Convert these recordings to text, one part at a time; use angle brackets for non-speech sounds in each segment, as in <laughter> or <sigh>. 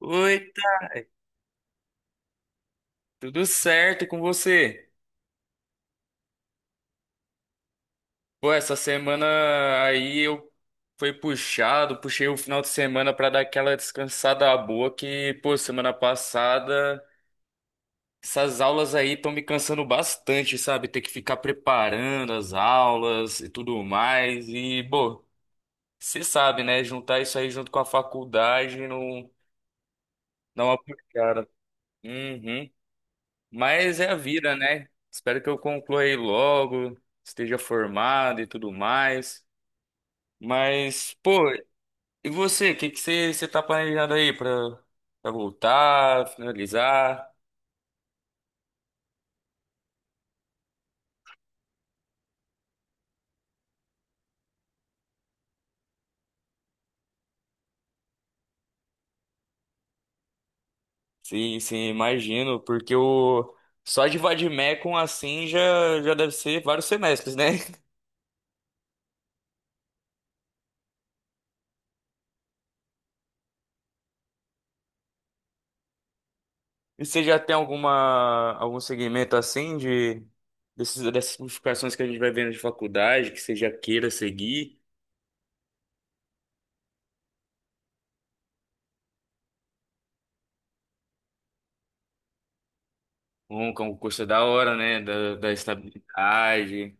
Oi, tá tudo certo com você? Pô, essa semana aí eu fui puxado, puxei o final de semana pra dar aquela descansada boa que, pô, semana passada essas aulas aí estão me cansando bastante, sabe? Ter que ficar preparando as aulas e tudo mais e, pô, você sabe, né? Juntar isso aí junto com a faculdade não dá uma puxada. Uhum. Mas é a vida, né? Espero que eu conclua aí logo, esteja formado e tudo mais. Mas, pô, e você? O que que você tá planejando aí pra, pra voltar, finalizar? Sim, sim, imagino, porque o só de vademecum assim já, já deve ser vários semestres, né? <laughs> E você já tem algum segmento assim de dessas modificações que a gente vai vendo de faculdade que você já queira seguir? Um concurso da hora, né? Da estabilidade.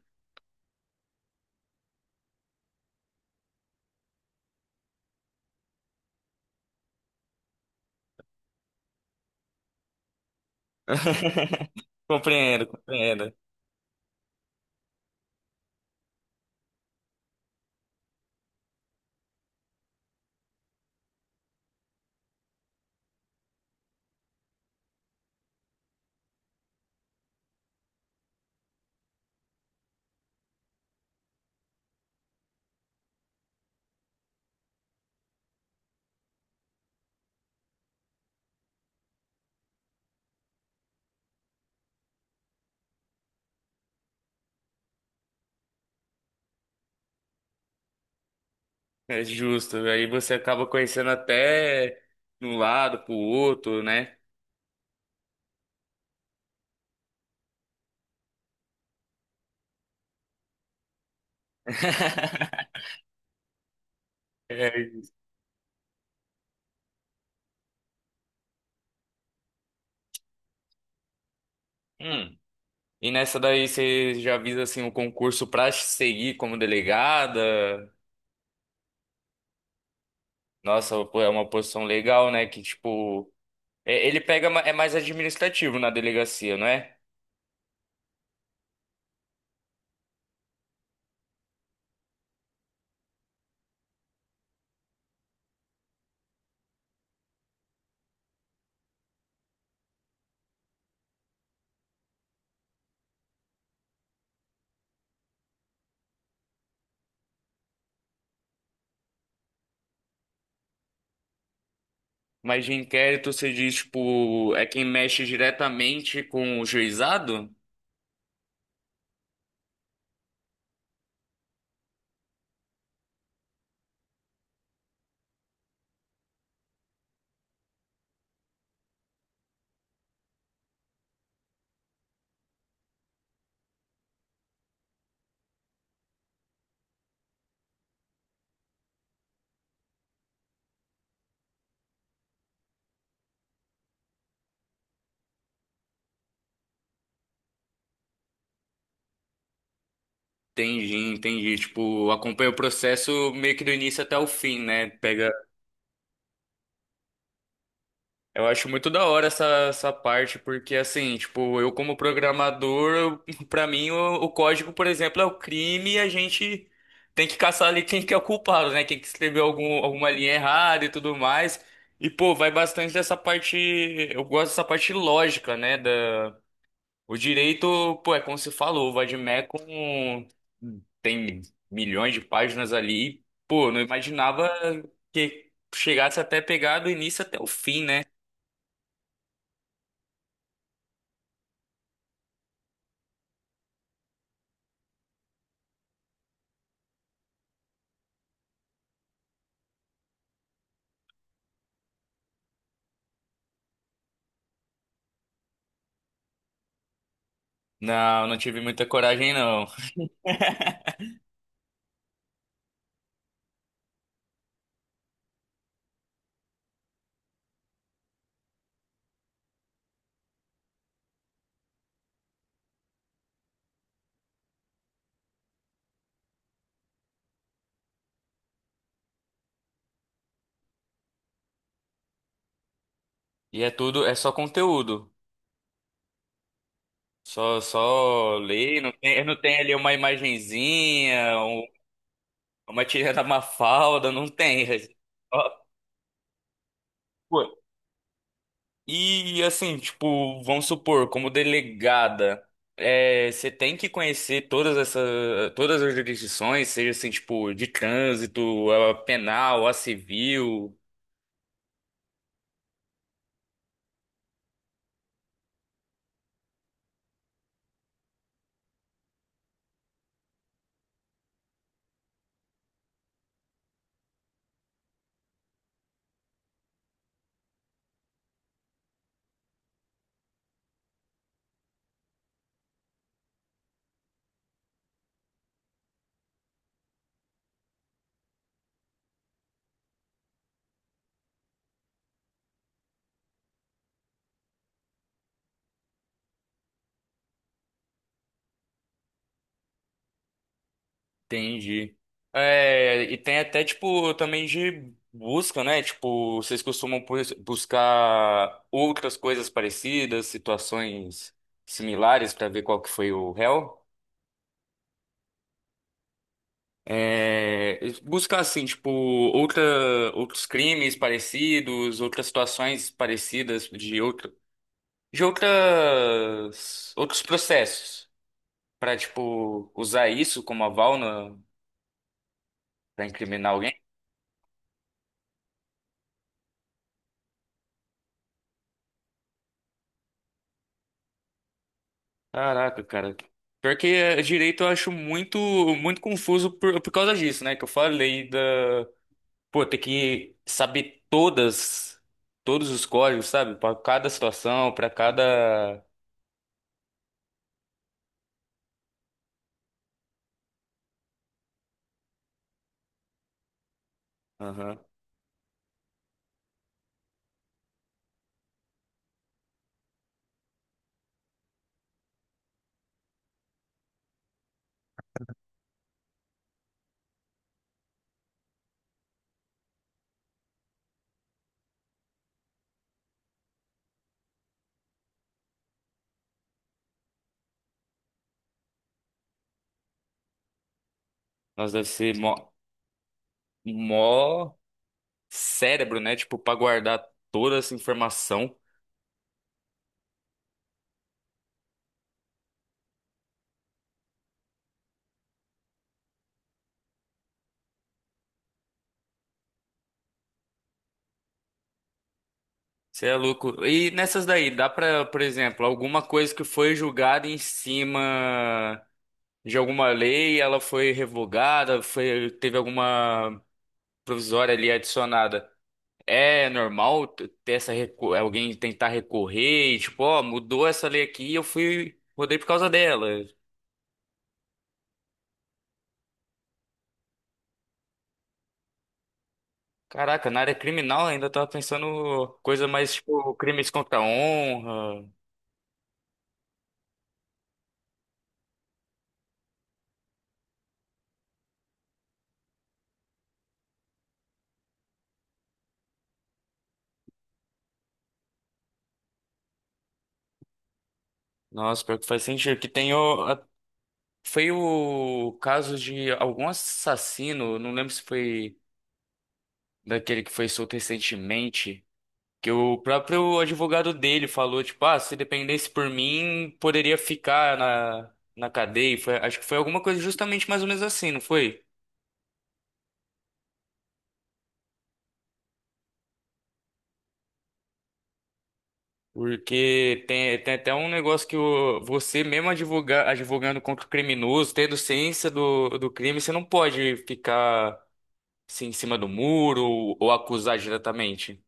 <laughs> Compreendo, compreendo. É justo. Aí você acaba conhecendo até de um lado pro outro, né? <laughs> É isso. Hum. E nessa daí você já visa assim um concurso pra seguir como delegada? Nossa, pô, é uma posição legal, né? Que tipo, é- ele pega ma- é mais administrativo na delegacia, não é? Mas de inquérito você diz, tipo, é quem mexe diretamente com o juizado? Entendi, entendi. Tipo, acompanha o processo meio que do início até o fim, né? Pega. Eu acho muito da hora essa, essa parte, porque assim, tipo, eu como programador, eu- <laughs> pra mim o código, por exemplo, é o crime e a gente tem que caçar ali quem que é o culpado, né? Quem que escreveu algum, alguma linha errada e tudo mais. E, pô, vai bastante dessa parte. Eu gosto dessa parte lógica, né? O direito, pô, é como você falou, o Vadmec com tem milhões de páginas ali. E, pô, não imaginava que chegasse até pegar do início até o fim, né? Não, não tive muita coragem, não. E é tudo, é só conteúdo. Só, só ler, não tem, não tem ali uma imagenzinha, um- uma tirinha da <laughs> Mafalda, não tem. Ó, pô, e assim, tipo, vamos supor, como delegada, é, você tem que conhecer todas essa, todas as jurisdições, seja assim, tipo, de trânsito, a penal, a civil, entendi. É, e tem até, tipo, também de busca, né? Tipo, vocês costumam bu- buscar outras coisas parecidas, situações similares para ver qual que foi o réu? É, buscar assim, tipo, outra, outros crimes parecidos, outras situações parecidas de outra, outros processos pra, tipo, usar isso como aval na- pra incriminar alguém. Caraca, cara. Pior que é, direito eu acho muito confuso por causa disso, né? Que eu falei da, pô, ter que saber todas todos os códigos, sabe? Pra cada situação, pra cada Aham. Nós deve ser mó cérebro, né? Tipo, pra guardar toda essa informação. Você é louco. E nessas daí, dá pra, por exemplo, alguma coisa que foi julgada em cima de alguma lei, ela foi revogada, foi, teve alguma provisória ali adicionada. É normal t- ter essa recu- alguém tentar recorrer e tipo, ó, mudou essa lei aqui e eu fui, mudei por causa dela. Caraca, na área criminal ainda tava pensando coisa mais tipo crimes contra a honra. Nossa, pior que faz sentido. Que tem o. A- foi o caso de algum assassino, não lembro se foi daquele que foi solto recentemente, que o próprio advogado dele falou, tipo, ah, se dependesse por mim, poderia ficar na, na cadeia. E foi, acho que foi alguma coisa justamente mais ou menos assim, não foi? Porque tem, tem até um negócio que o, você mesmo advoga, advogando contra o criminoso, tendo ciência do crime, você não pode ficar se em cima do muro ou acusar diretamente.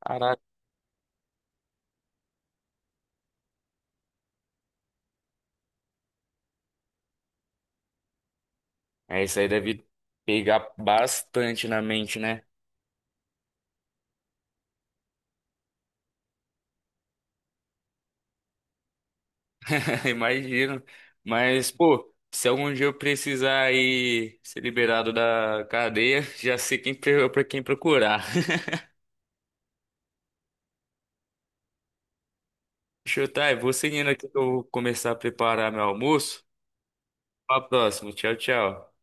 Caraca, é, isso aí deve pegar bastante na mente, né? <laughs> Imagino. Mas, pô, se algum dia eu precisar ir ser liberado da cadeia, <laughs> já sei quem para quem procurar. <laughs> Deixa eu tá, eu vou seguindo aqui que eu vou começar a preparar meu almoço. Até a próxima. Tchau, tchau.